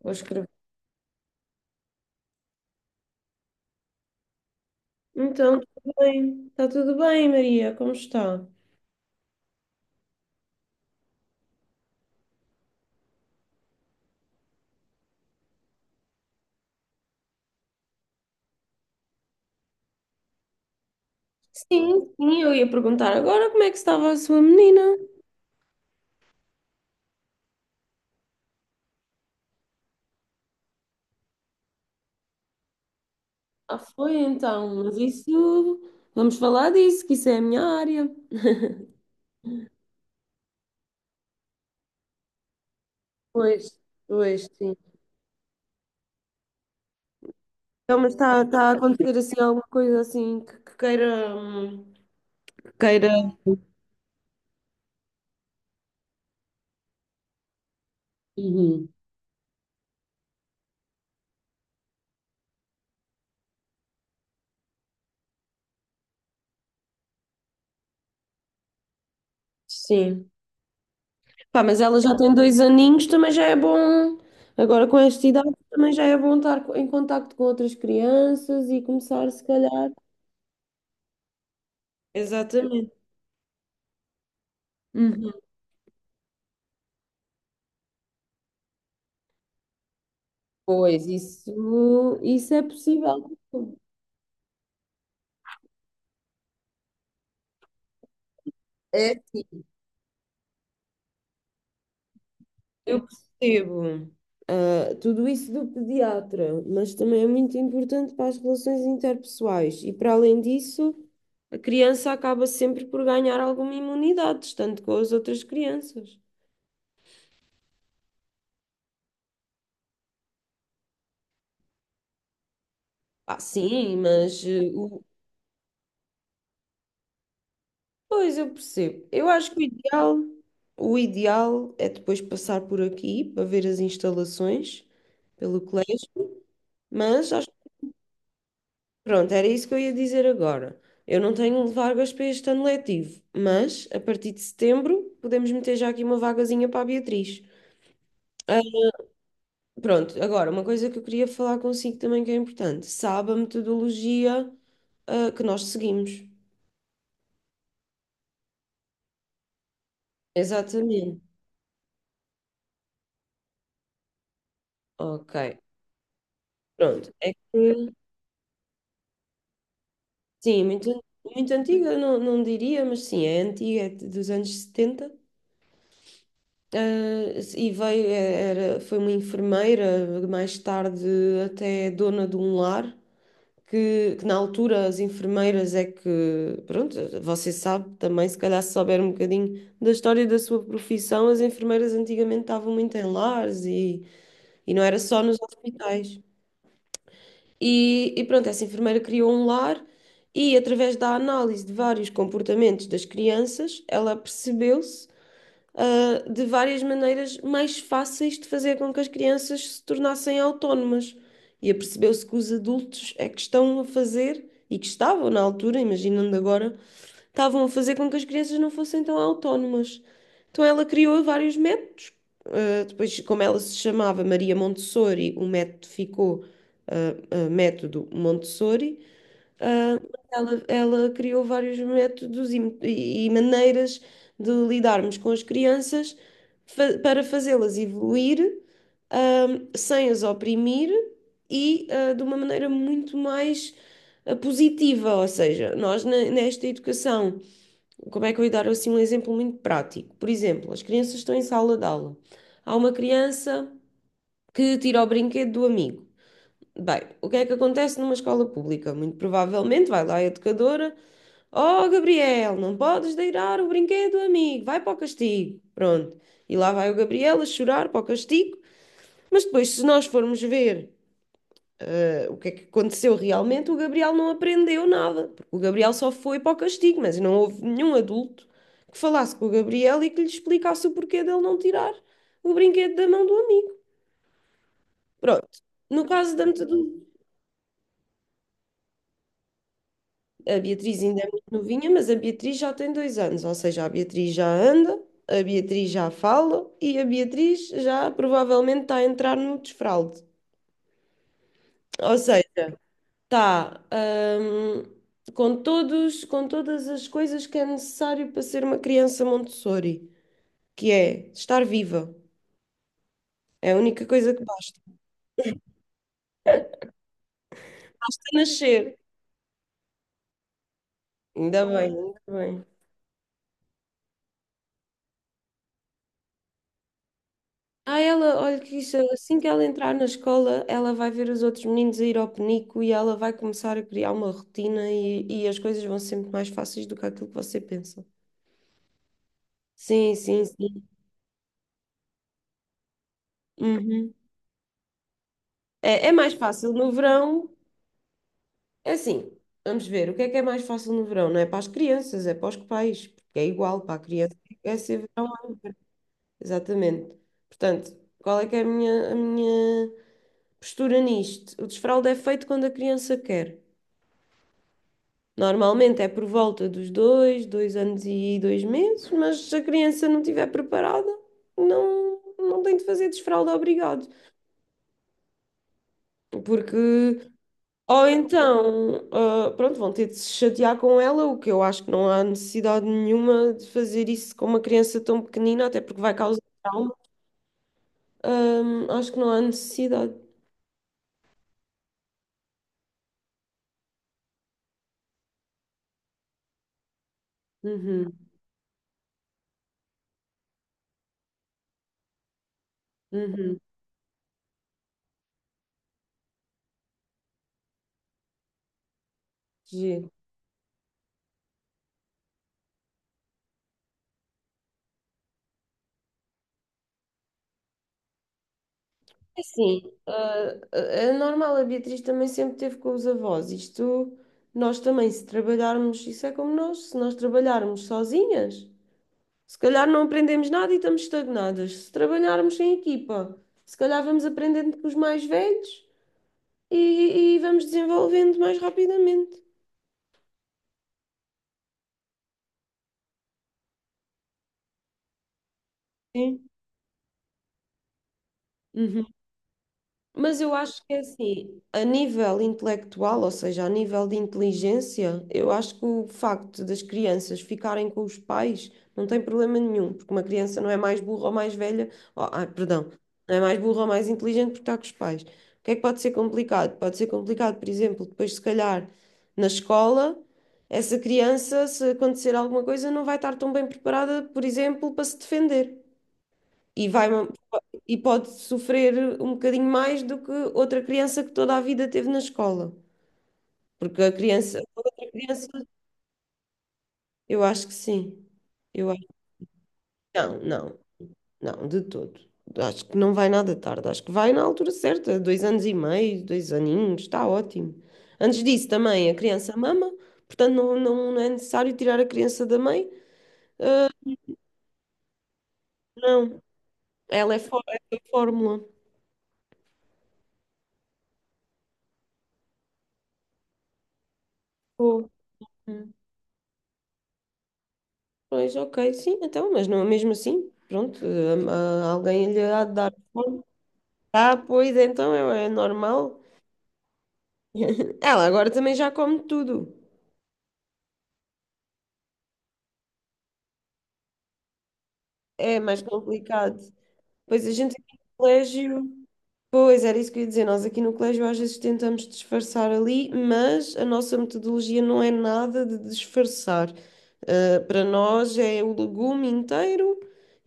Vou escrever. Então, tudo bem. Está tudo bem, Maria? Como está? Sim, sim, eu ia perguntar agora como é que estava a sua menina. Ah, foi então, mas isso. Vamos falar disso, que isso é a minha área. Pois, pois, sim. Então, mas está a acontecer assim alguma coisa assim que queira. Que queira. Uhum. Sim. Pá, mas ela já tem 2 aninhos, também já é bom. Agora com esta idade também já é bom estar em contacto com outras crianças e começar, se calhar. Exatamente. Uhum. Pois, isso é possível. É, sim. Eu percebo. Ah, tudo isso do pediatra, mas também é muito importante para as relações interpessoais. E para além disso, a criança acaba sempre por ganhar alguma imunidade, tanto com as outras crianças. Ah, sim, mas pois eu percebo. Eu acho que o ideal é depois passar por aqui para ver as instalações pelo colégio, mas pronto, era isso que eu ia dizer agora. Eu não tenho vagas para este ano letivo, mas a partir de setembro podemos meter já aqui uma vagazinha para a Beatriz. Ah, pronto, agora, uma coisa que eu queria falar consigo também que é importante. Sabe a metodologia, que nós seguimos. Exatamente. Ok. Pronto. É que, sim, muito, muito antiga, não, não diria, mas sim, é antiga, é dos anos 70. Ah, e veio, foi uma enfermeira, mais tarde até dona de um lar, que na altura as enfermeiras é que, pronto, você sabe também, se calhar se souber um bocadinho da história da sua profissão, as enfermeiras antigamente estavam muito em lares e não era só nos hospitais. E pronto, essa enfermeira criou um lar e através da análise de vários comportamentos das crianças, ela percebeu-se de várias maneiras mais fáceis de fazer com que as crianças se tornassem autónomas. E apercebeu-se que os adultos é que estão a fazer, e que estavam na altura, imaginando agora, estavam a fazer com que as crianças não fossem tão autónomas. Então ela criou vários métodos. Ah, depois, como ela se chamava Maria Montessori, o método ficou ah, método Montessori. Ela criou vários métodos e maneiras de lidarmos com as crianças para fazê-las evoluir, sem as oprimir e, de uma maneira muito mais positiva. Ou seja, nós nesta educação, como é que eu ia dar assim um exemplo muito prático? Por exemplo, as crianças estão em sala de aula. Há uma criança que tira o brinquedo do amigo. Bem, o que é que acontece numa escola pública? Muito provavelmente vai lá a educadora. Oh, Gabriel, não podes deirar o brinquedo, amigo, vai para o castigo. Pronto. E lá vai o Gabriel a chorar para o castigo, mas depois, se nós formos ver o que é que aconteceu realmente, o Gabriel não aprendeu nada, porque o Gabriel só foi para o castigo, mas não houve nenhum adulto que falasse com o Gabriel e que lhe explicasse o porquê dele não tirar o brinquedo da mão do amigo. Pronto. No caso da metodologia. A Beatriz ainda é muito novinha, mas a Beatriz já tem 2 anos, ou seja, a Beatriz já anda, a Beatriz já fala e a Beatriz já provavelmente está a entrar no desfralde. Ou seja, está, hum, com todas as coisas que é necessário para ser uma criança Montessori, que é estar viva. É a única coisa que basta. Nascer. Ainda bem, ainda bem. Ah, ela, olha que isso, assim que ela entrar na escola, ela vai ver os outros meninos a ir ao penico e ela vai começar a criar uma rotina e as coisas vão ser muito mais fáceis do que aquilo que você pensa. Sim, sim, sim. Uhum. É mais fácil no verão. É assim, vamos ver, o que é mais fácil no verão? Não é para as crianças, é para os pais, porque é igual para a criança, é ser verão. Exatamente. Portanto, qual é que é a minha, postura nisto? O desfraldo é feito quando a criança quer. Normalmente é por volta dos dois anos e dois meses, mas se a criança não estiver preparada, não, não tem de fazer desfralda obrigado. Porque, ou então, ah, pronto, vão ter de se chatear com ela, o que eu acho que não há necessidade nenhuma de fazer isso com uma criança tão pequenina, até porque vai causar trauma. Acho que não há necessidade. Uhum, uhum, giro. É assim, é normal, a Beatriz também sempre teve com os avós. Isto, nós também, se trabalharmos, isso é como nós, se nós trabalharmos sozinhas, se calhar não aprendemos nada e estamos estagnadas. Se trabalharmos em equipa, se calhar vamos aprendendo com os mais velhos e vamos desenvolvendo mais rapidamente. Sim. Uhum. Mas eu acho que é assim, a nível intelectual, ou seja, a nível de inteligência, eu acho que o facto das crianças ficarem com os pais não tem problema nenhum, porque uma criança não é mais burra ou mais velha, perdão, não é mais burra ou mais inteligente porque está com os pais. O que é que pode ser complicado? Pode ser complicado, por exemplo, depois se calhar na escola, essa criança, se acontecer alguma coisa, não vai estar tão bem preparada, por exemplo, para se defender. E vai, e pode sofrer um bocadinho mais do que outra criança que toda a vida teve na escola. Porque a outra criança, eu acho que sim. Eu acho, não, não, não, de todo. Acho que não vai nada tarde, acho que vai na altura certa, 2 anos e meio, 2 aninhos, está ótimo. Antes disso também a criança mama, portanto não, não, não é necessário tirar a criança da mãe, não, ela é a fórmula. Pô. Pois, ok, sim, então, mas não, mesmo assim, pronto, alguém lhe há de dar fome. Ah, pois, então é normal. Ela agora também já come tudo. É mais complicado. Pois a gente aqui no colégio. Pois, era isso que eu ia dizer. Nós aqui no colégio às vezes tentamos disfarçar ali, mas a nossa metodologia não é nada de disfarçar. Ah, para nós é o legume inteiro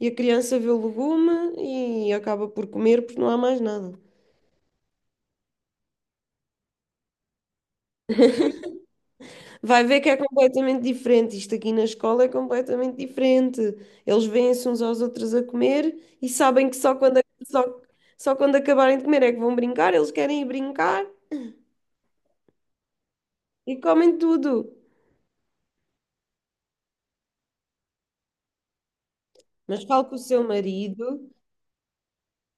e a criança vê o legume e acaba por comer porque não há mais nada. Vai ver que é completamente diferente. Isto aqui na escola é completamente diferente. Eles veem-se uns aos outros a comer e sabem que só, só quando acabarem de comer é que vão brincar. Eles querem ir brincar e comem tudo. Mas falo com o seu marido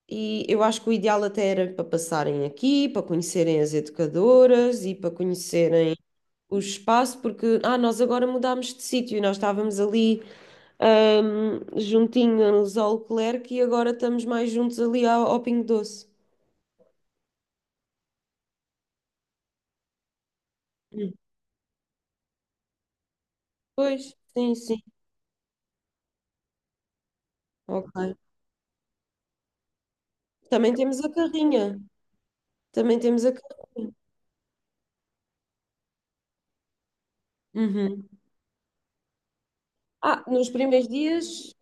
e eu acho que o ideal até era para passarem aqui, para conhecerem as educadoras e para conhecerem o espaço, porque nós agora mudámos de sítio e nós estávamos ali. Juntinhos ao Leclerc e agora estamos mais juntos ali ao Pingo Doce. Hum. Pois, sim, sim. Ok. Também temos a carrinha. Também temos a carrinha. Uhum. Ah, nos primeiros dias,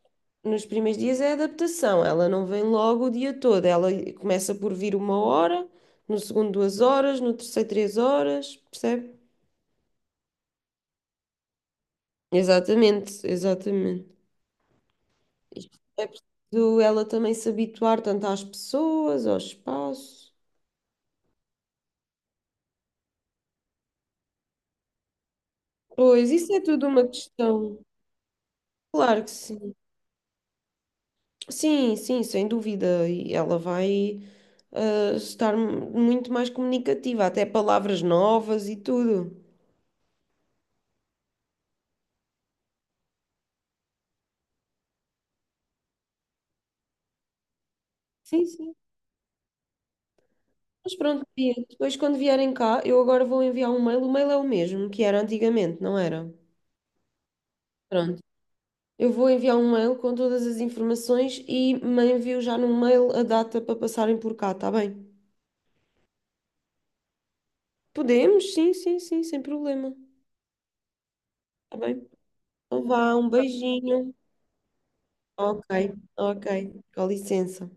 nos primeiros dias é adaptação. Ela não vem logo o dia todo. Ela começa por vir 1 hora, no segundo 2 horas, no terceiro 3 horas, percebe? Exatamente, exatamente. Isto é preciso ela também se habituar tanto às pessoas, ao espaço. Pois, isso é tudo uma questão. Claro que sim. Sim, sim, sem dúvida. E ela vai estar muito mais comunicativa, até palavras novas e tudo. Sim, sim. Mas pronto, Bia, depois quando vierem cá, eu agora vou enviar um mail. O mail é o mesmo que era antigamente, não era? Pronto. Eu vou enviar um mail com todas as informações e me envio já no mail a data para passarem por cá, tá bem? Podemos, sim, sim, sim, sem problema. Tá bem? Então vá, um beijinho. Ok, ok, com licença.